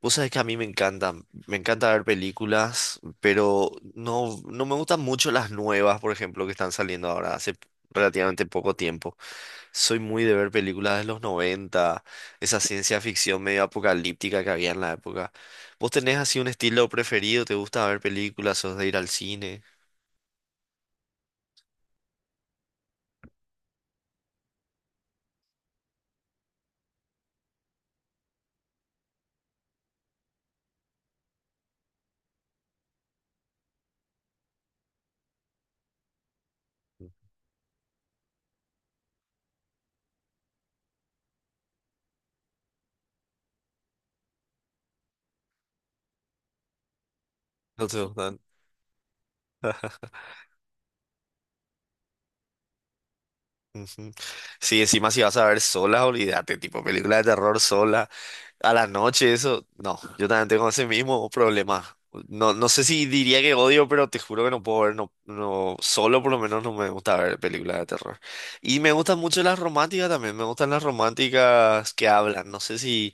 Vos sabés que a mí me encantan, me encanta ver películas, pero no, no me gustan mucho las nuevas, por ejemplo, que están saliendo ahora hace relativamente poco tiempo. Soy muy de ver películas de los 90, esa ciencia ficción medio apocalíptica que había en la época. ¿Vos tenés así un estilo preferido? ¿Te gusta ver películas? ¿Sos de ir al cine? No te gustan. Ujú. Sí, encima si vas a ver sola, olvídate, tipo película de terror sola. A la noche, eso, no, yo también tengo ese mismo problema. No, no sé si diría que odio, pero te juro que no puedo ver, no, no, solo por lo menos no me gusta ver películas de terror. Y me gustan mucho las románticas también, me gustan las románticas que hablan. No sé si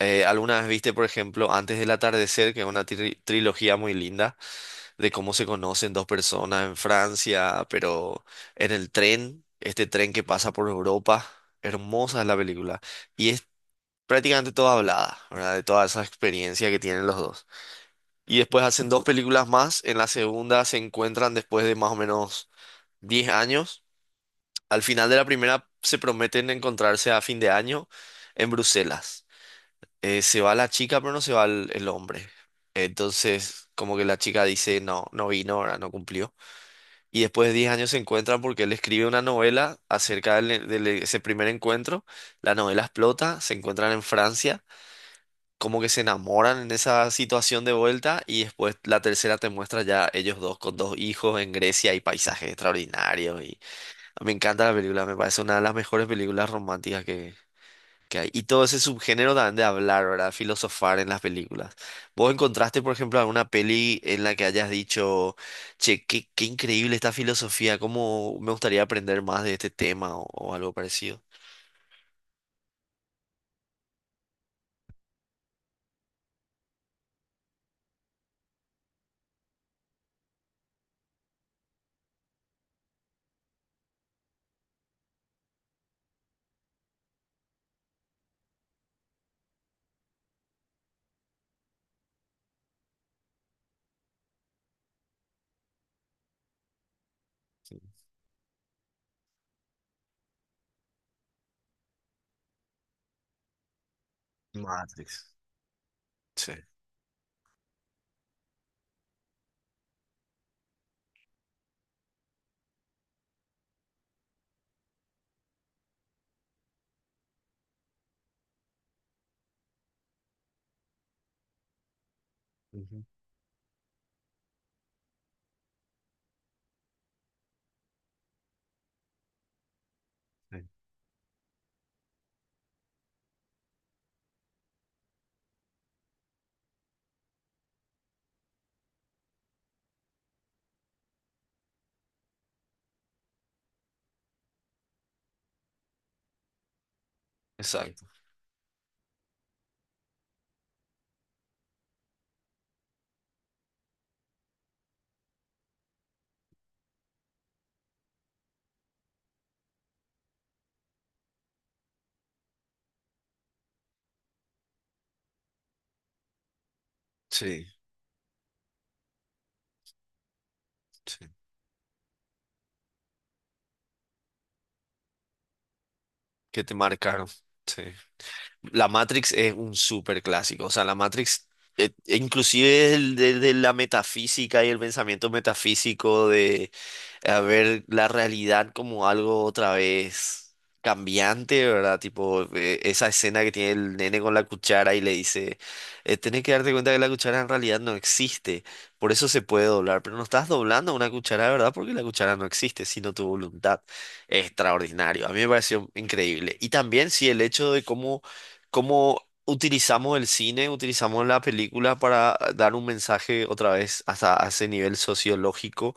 alguna vez viste, por ejemplo, Antes del Atardecer, que es una trilogía muy linda de cómo se conocen dos personas en Francia, pero en el tren, este tren que pasa por Europa. Hermosa es la película. Y prácticamente toda hablada, ¿verdad? De toda esa experiencia que tienen los dos. Y después hacen dos películas más. En la segunda se encuentran después de más o menos 10 años. Al final de la primera se prometen encontrarse a fin de año en Bruselas. Se va la chica, pero no se va el hombre. Entonces, como que la chica dice, no, no vino, ahora no cumplió. Y después de 10 años se encuentran porque él escribe una novela acerca de ese primer encuentro. La novela explota, se encuentran en Francia como que se enamoran en esa situación de vuelta y después la tercera te muestra ya ellos dos con dos hijos en Grecia y paisajes extraordinarios y me encanta la película, me parece una de las mejores películas románticas que hay. Y todo ese subgénero también de hablar, ¿verdad? Filosofar en las películas. ¿Vos encontraste, por ejemplo, alguna peli en la que hayas dicho, che, qué increíble esta filosofía, cómo me gustaría aprender más de este tema o algo parecido? Matrix. Sí. Ujú, sí. Exacto, sí, sí. Que te marcaron. Sí. La Matrix es un súper clásico. O sea, la Matrix, inclusive el de la metafísica y el pensamiento metafísico de, a ver la realidad como algo otra vez cambiante, ¿verdad? Tipo, esa escena que tiene el nene con la cuchara y le dice, tenés que darte cuenta que la cuchara en realidad no existe, por eso se puede doblar, pero no estás doblando una cuchara de verdad porque la cuchara no existe, sino tu voluntad. Extraordinario, a mí me pareció increíble. Y también, sí, el hecho de cómo, cómo utilizamos el cine, utilizamos la película para dar un mensaje otra vez hasta a ese nivel sociológico,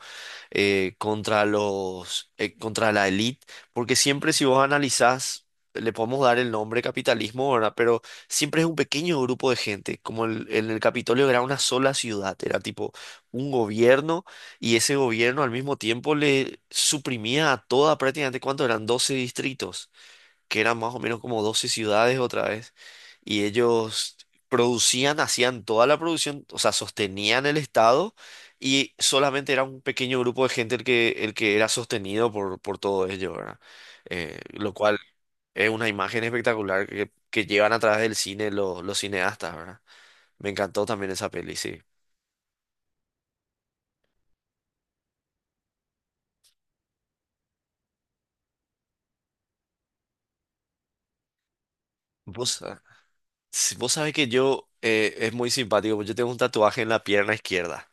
contra los, contra la élite, porque siempre si vos analizás, le podemos dar el nombre capitalismo, ¿verdad? Pero siempre es un pequeño grupo de gente, como en el Capitolio era una sola ciudad, era tipo un gobierno y ese gobierno al mismo tiempo le suprimía a toda prácticamente, ¿cuánto eran? 12 distritos que eran más o menos como 12 ciudades otra vez, y ellos producían, hacían toda la producción, o sea, sostenían el Estado, y solamente era un pequeño grupo de gente el que era sostenido por todo ello, ¿verdad? Lo cual es una imagen espectacular que llevan a través del cine los cineastas, ¿verdad? Me encantó también esa peli, sí. Vos, si vos sabés que yo, es muy simpático, porque yo tengo un tatuaje en la pierna izquierda.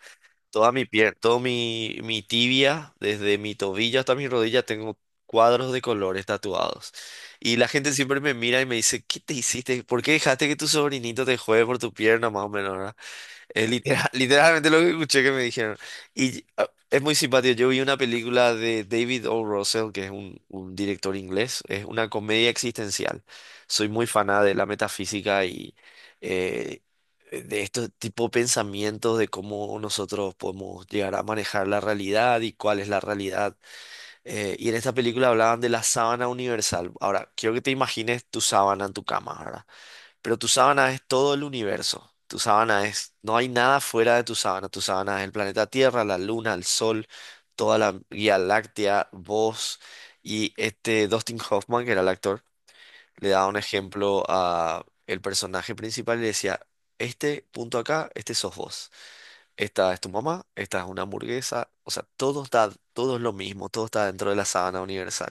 Toda mi pierna, todo mi, mi tibia, desde mi tobillo hasta mi rodilla, tengo cuadros de colores tatuados. Y la gente siempre me mira y me dice, ¿qué te hiciste? ¿Por qué dejaste que tu sobrinito te juegue por tu pierna, más o menos, ¿verdad? Es literalmente lo que escuché que me dijeron. Y es muy simpático. Yo vi una película de David O. Russell, que es un director inglés. Es una comedia existencial. Soy muy faná de la metafísica y eh, de estos tipo de pensamientos de cómo nosotros podemos llegar a manejar la realidad y cuál es la realidad. Y en esta película hablaban de la sábana universal. Ahora, quiero que te imagines tu sábana en tu cama, ¿verdad? Pero tu sábana es todo el universo. Tu sábana es, no hay nada fuera de tu sábana. Tu sábana es el planeta Tierra, la Luna, el Sol, toda la Vía Láctea, vos. Y este Dustin Hoffman, que era el actor, le daba un ejemplo a el personaje principal y le decía, este punto acá, este sos vos. Esta es tu mamá, esta es una hamburguesa. O sea, todo está, todo es lo mismo, todo está dentro de la sábana universal.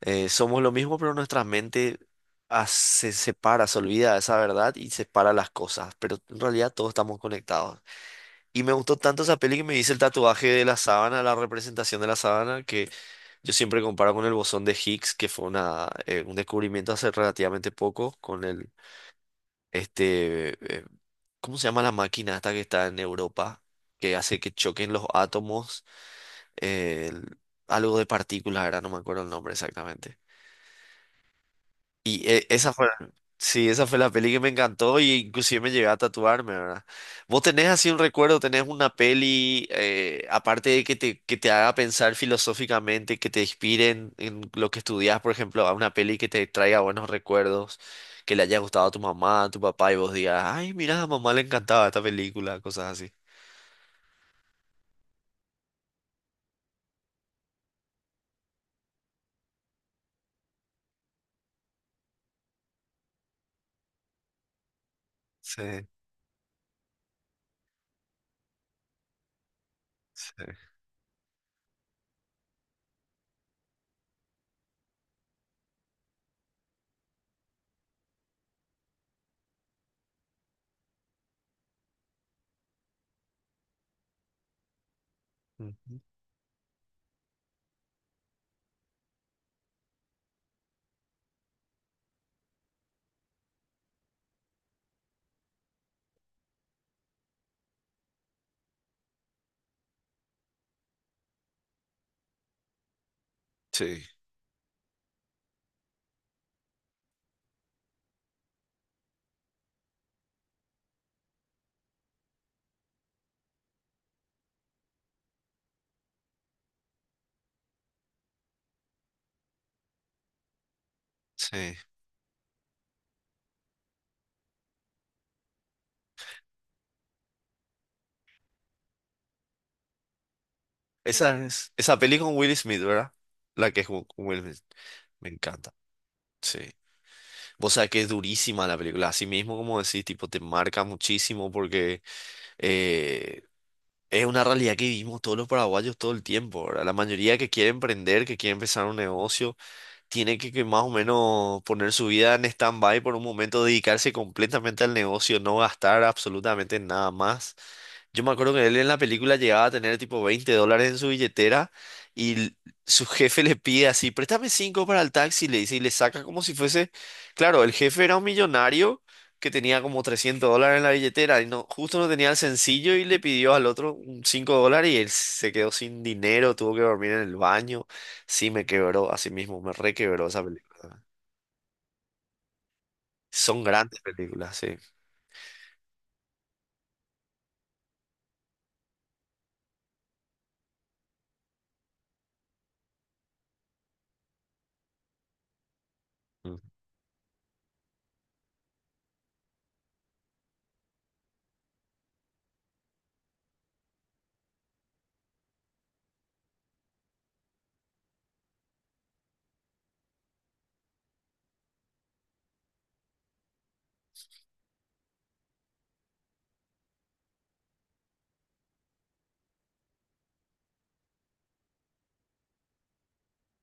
Somos lo mismo, pero nuestra mente se separa, se olvida de esa verdad y separa las cosas. Pero en realidad todos estamos conectados. Y me gustó tanto esa peli que me hice el tatuaje de la sábana, la representación de la sábana, que yo siempre comparo con el bosón de Higgs, que fue una, un descubrimiento hace relativamente poco con el, este, eh, ¿cómo se llama la máquina esta que está en Europa? Que hace que choquen los átomos, eh, el- algo de partículas, ahora no me acuerdo el nombre exactamente. Y esa fue, sí, esa fue la peli que me encantó y inclusive me llegué a tatuarme, ¿verdad? ¿Vos tenés así un recuerdo, tenés una peli, aparte de que te haga pensar filosóficamente, que te inspire en lo que estudias, por ejemplo, a una peli que te traiga buenos recuerdos, que le haya gustado a tu mamá, a tu papá y vos digas, ay, mira, a mamá le encantaba esta película, cosas así. Sí, sí. Ujú. Sí, sí. Esa es, esa peli con Will Smith, ¿verdad? La que es con Will Smith. Me encanta. Sí. Vos sabés que es durísima la película, así mismo como decís, tipo, te marca muchísimo porque eh, es una realidad que vivimos todos los paraguayos todo el tiempo, ¿verdad? La mayoría que quiere emprender, que quiere empezar un negocio, tiene que más o menos poner su vida en stand-by por un momento, dedicarse completamente al negocio, no gastar absolutamente nada más. Yo me acuerdo que él en la película llegaba a tener tipo $20 en su billetera y su jefe le pide así, préstame 5 para el taxi, le dice y le saca como si fuese, claro, el jefe era un millonario que tenía como $300 en la billetera y no, justo no tenía el sencillo y le pidió al otro un $5 y él se quedó sin dinero, tuvo que dormir en el baño. Sí, me quebró, así mismo, me requebró esa película. Son grandes películas, sí. Mm,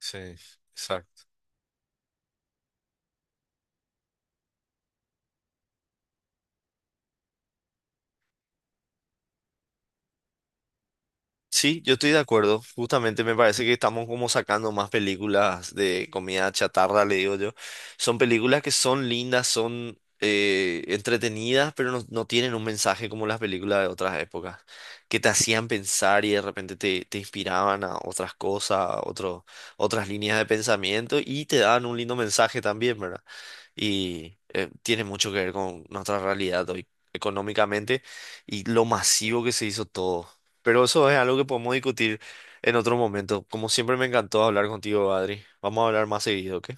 sí, exacto. Sí, yo estoy de acuerdo. Justamente me parece que estamos como sacando más películas de comida chatarra, le digo yo. Son películas que son lindas, son entretenidas, pero no, no tienen un mensaje como las películas de otras épocas, que te hacían pensar y de repente te, te inspiraban a otras cosas, otras líneas de pensamiento y te daban un lindo mensaje también, ¿verdad? Y tiene mucho que ver con nuestra realidad hoy económicamente y lo masivo que se hizo todo. Pero eso es algo que podemos discutir en otro momento. Como siempre me encantó hablar contigo, Adri. Vamos a hablar más seguido, ¿ok?